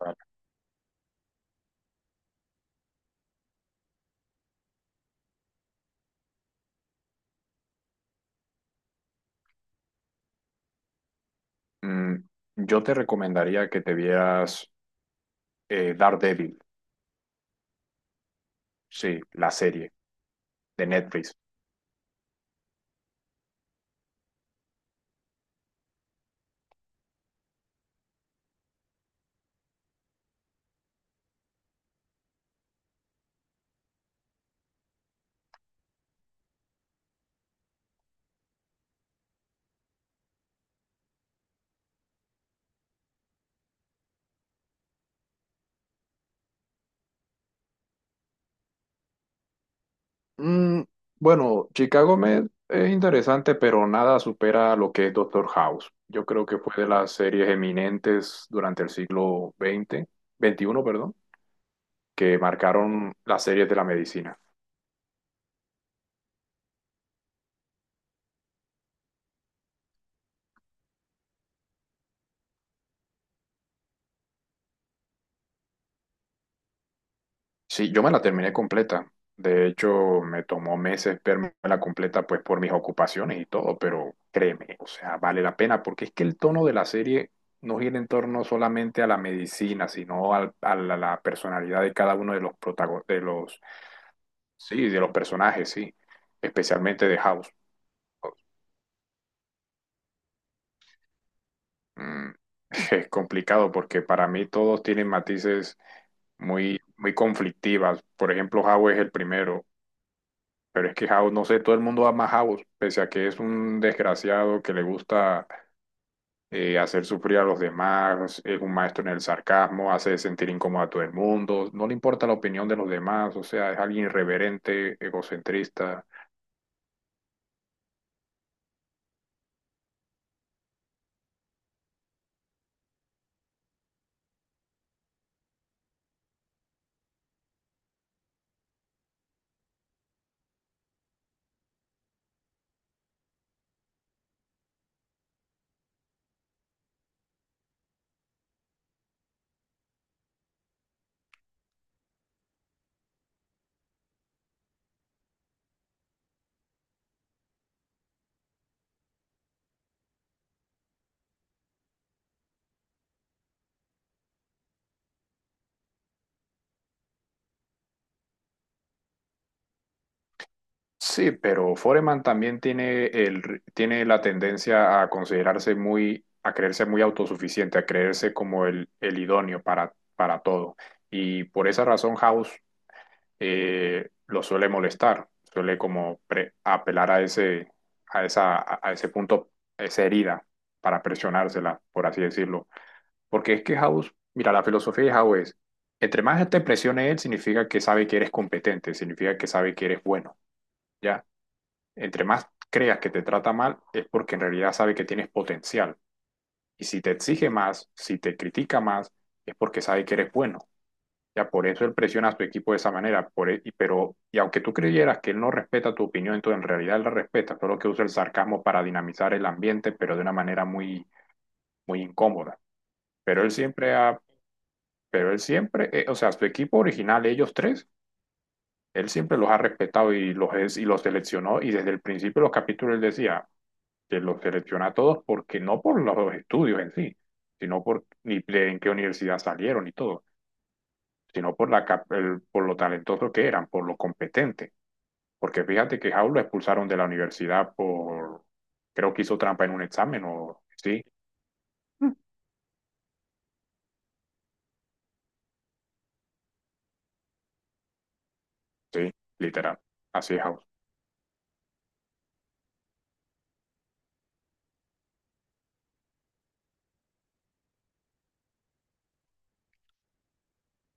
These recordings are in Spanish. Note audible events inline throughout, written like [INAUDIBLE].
Vale. Mm, yo te recomendaría que te vieras Daredevil, sí, la serie de Netflix. Mm, bueno, Chicago Med es interesante, pero nada supera lo que es Doctor House. Yo creo que fue de las series eminentes durante el siglo veinte, veintiuno, perdón, que marcaron las series de la medicina. Sí, yo me la terminé completa. De hecho, me tomó meses verme la completa, pues por mis ocupaciones y todo, pero créeme, o sea, vale la pena, porque es que el tono de la serie no gira en torno solamente a la medicina, sino a la personalidad de cada uno de los de los, sí, de los personajes, sí, especialmente de House. Mm, [LAUGHS] es complicado porque para mí todos tienen matices muy, muy conflictivas. Por ejemplo, House es el primero. Pero es que House, no sé, todo el mundo ama a House, pese a que es un desgraciado que le gusta hacer sufrir a los demás, es un maestro en el sarcasmo, hace sentir incómodo a todo el mundo, no le importa la opinión de los demás, o sea, es alguien irreverente, egocentrista. Sí, pero Foreman también tiene, el, tiene la tendencia a considerarse muy, a creerse muy autosuficiente, a creerse como el idóneo para todo. Y por esa razón House lo suele molestar, suele como apelar a ese, a esa, a ese punto, a esa herida, para presionársela, por así decirlo. Porque es que House, mira, la filosofía de House es, entre más te presione él, significa que sabe que eres competente, significa que sabe que eres bueno, ¿ya? Entre más creas que te trata mal, es porque en realidad sabe que tienes potencial. Y si te exige más, si te critica más, es porque sabe que eres bueno. Ya por eso él presiona a su equipo de esa manera, pero y aunque tú creyeras que él no respeta tu opinión, entonces en realidad él la respeta, solo que usa el sarcasmo para dinamizar el ambiente, pero de una manera muy muy incómoda. Pero él siempre ha, pero él siempre, o sea, su equipo original, ellos tres, él siempre los ha respetado y los seleccionó y desde el principio de los capítulos él decía que los selecciona a todos porque no por los estudios en sí, sino por ni de en qué universidad salieron y todo, sino por por lo talentosos que eran, por lo competentes. Porque fíjate que Jau lo expulsaron de la universidad por, creo que hizo trampa en un examen o sí. Mm. Sí, literal. Así es, House.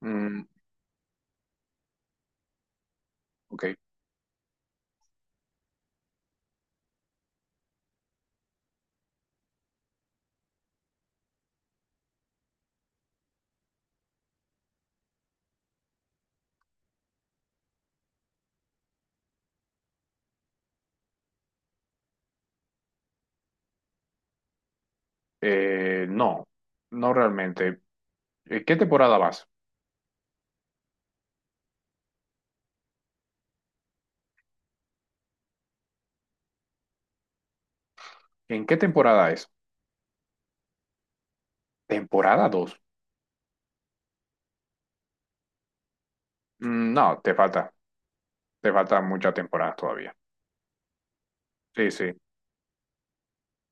Mm, ok. No, no realmente. ¿En qué temporada vas? ¿En qué temporada es? ¿Temporada 2? No, te falta. Te faltan muchas temporadas todavía. Sí, sí.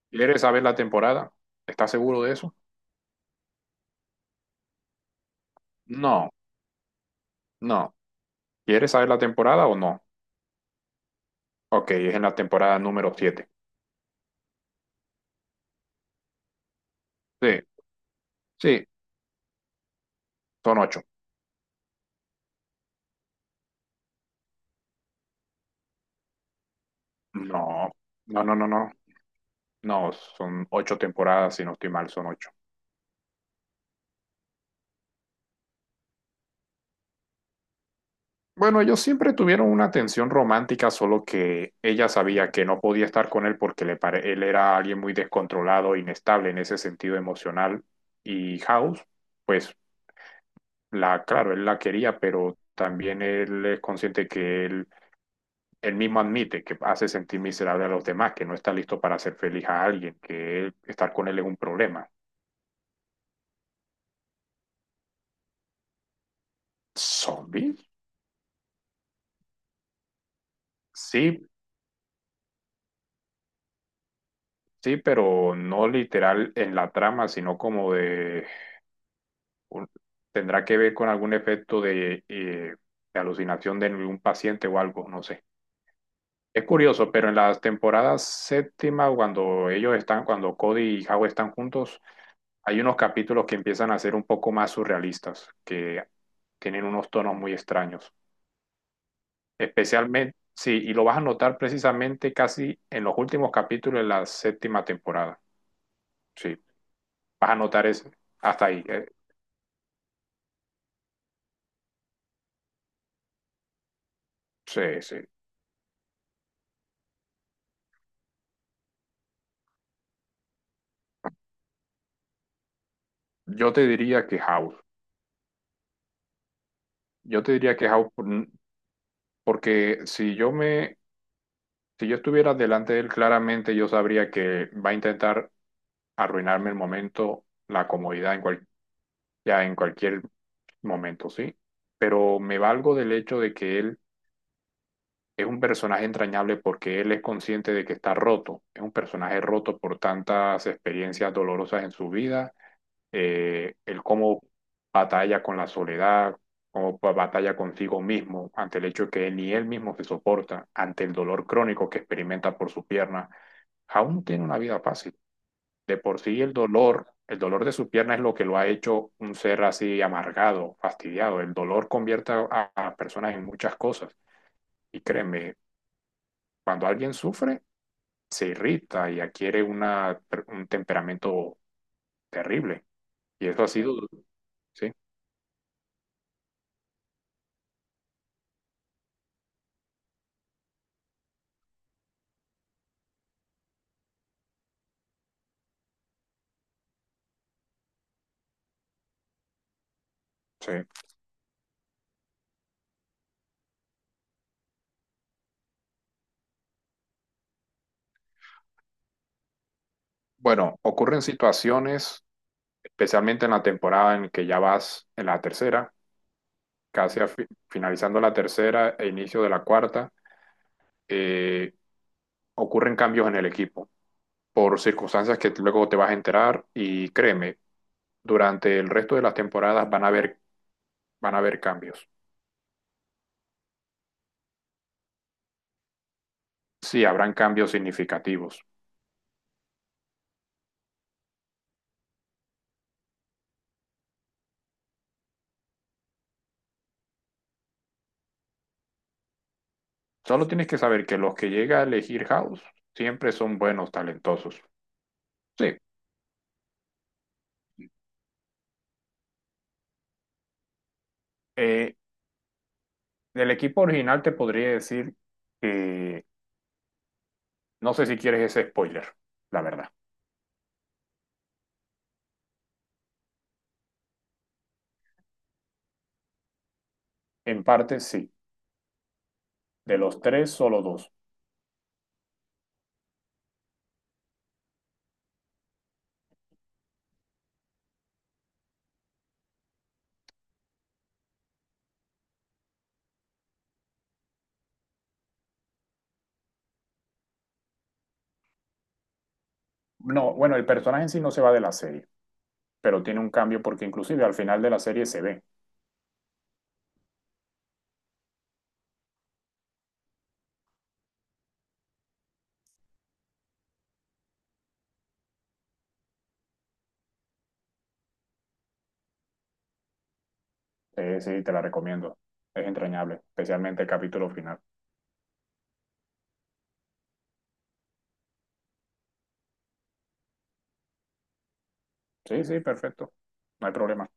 ¿Quieres saber la temporada? ¿Estás seguro de eso? No, no. ¿Quieres saber la temporada o no? Ok, es en la temporada número siete. Sí, sí, son ocho. No, no, no, no, no. No, son ocho temporadas, si no estoy mal, son ocho. Bueno, ellos siempre tuvieron una tensión romántica, solo que ella sabía que no podía estar con él porque él era alguien muy descontrolado, inestable en ese sentido emocional. Y House, pues, la, claro, él la quería, pero también él es consciente que él mismo admite que hace sentir miserable a los demás, que no está listo para hacer feliz a alguien, que estar con él es un problema. ¿Zombie? Sí, sí, pero no literal en la trama, sino como de... un- tendrá que ver con algún efecto de alucinación de algún paciente o algo, no sé. Es curioso, pero en las temporadas séptima, cuando ellos están, cuando Cody y Howe están juntos, hay unos capítulos que empiezan a ser un poco más surrealistas, que tienen unos tonos muy extraños. Especialmente, sí, y lo vas a notar precisamente casi en los últimos capítulos de la séptima temporada. Sí, vas a notar eso. Hasta ahí. Sí, sí. Yo te diría que House. Yo te diría que House, por- Porque si yo estuviera delante de él, claramente yo sabría que va a intentar arruinarme el momento, la comodidad en ya en cualquier momento, ¿sí? Pero me valgo del hecho de que él es un personaje entrañable porque él es consciente de que está roto. Es un personaje roto por tantas experiencias dolorosas en su vida, el cómo batalla con la soledad, cómo batalla consigo mismo ante el hecho de que ni él mismo se soporta, ante el dolor crónico que experimenta por su pierna, aún tiene una vida fácil. De por sí el dolor de su pierna es lo que lo ha hecho un ser así amargado, fastidiado. El dolor convierte a personas en muchas cosas. Y créeme, cuando alguien sufre, se irrita y adquiere un temperamento terrible. Y eso ha sido, sí, sí. Bueno, ocurren situaciones, especialmente en la temporada en que ya vas en la tercera, casi a finalizando la tercera e inicio de la cuarta, eh, ocurren cambios en el equipo por circunstancias que luego te vas a enterar y créeme, durante el resto de las temporadas van a haber cambios. Sí, habrán cambios significativos. Solo tienes que saber que los que llega a elegir House siempre son buenos, talentosos. Sí, eh, del equipo original te podría decir. No sé si quieres ese spoiler, la verdad. En parte sí. De los tres, solo dos. No, bueno, el personaje en sí no se va de la serie, pero tiene un cambio porque inclusive al final de la serie se ve. Sí, sí, te la recomiendo. Es entrañable, especialmente el capítulo final. Sí, sí, perfecto. No hay problema.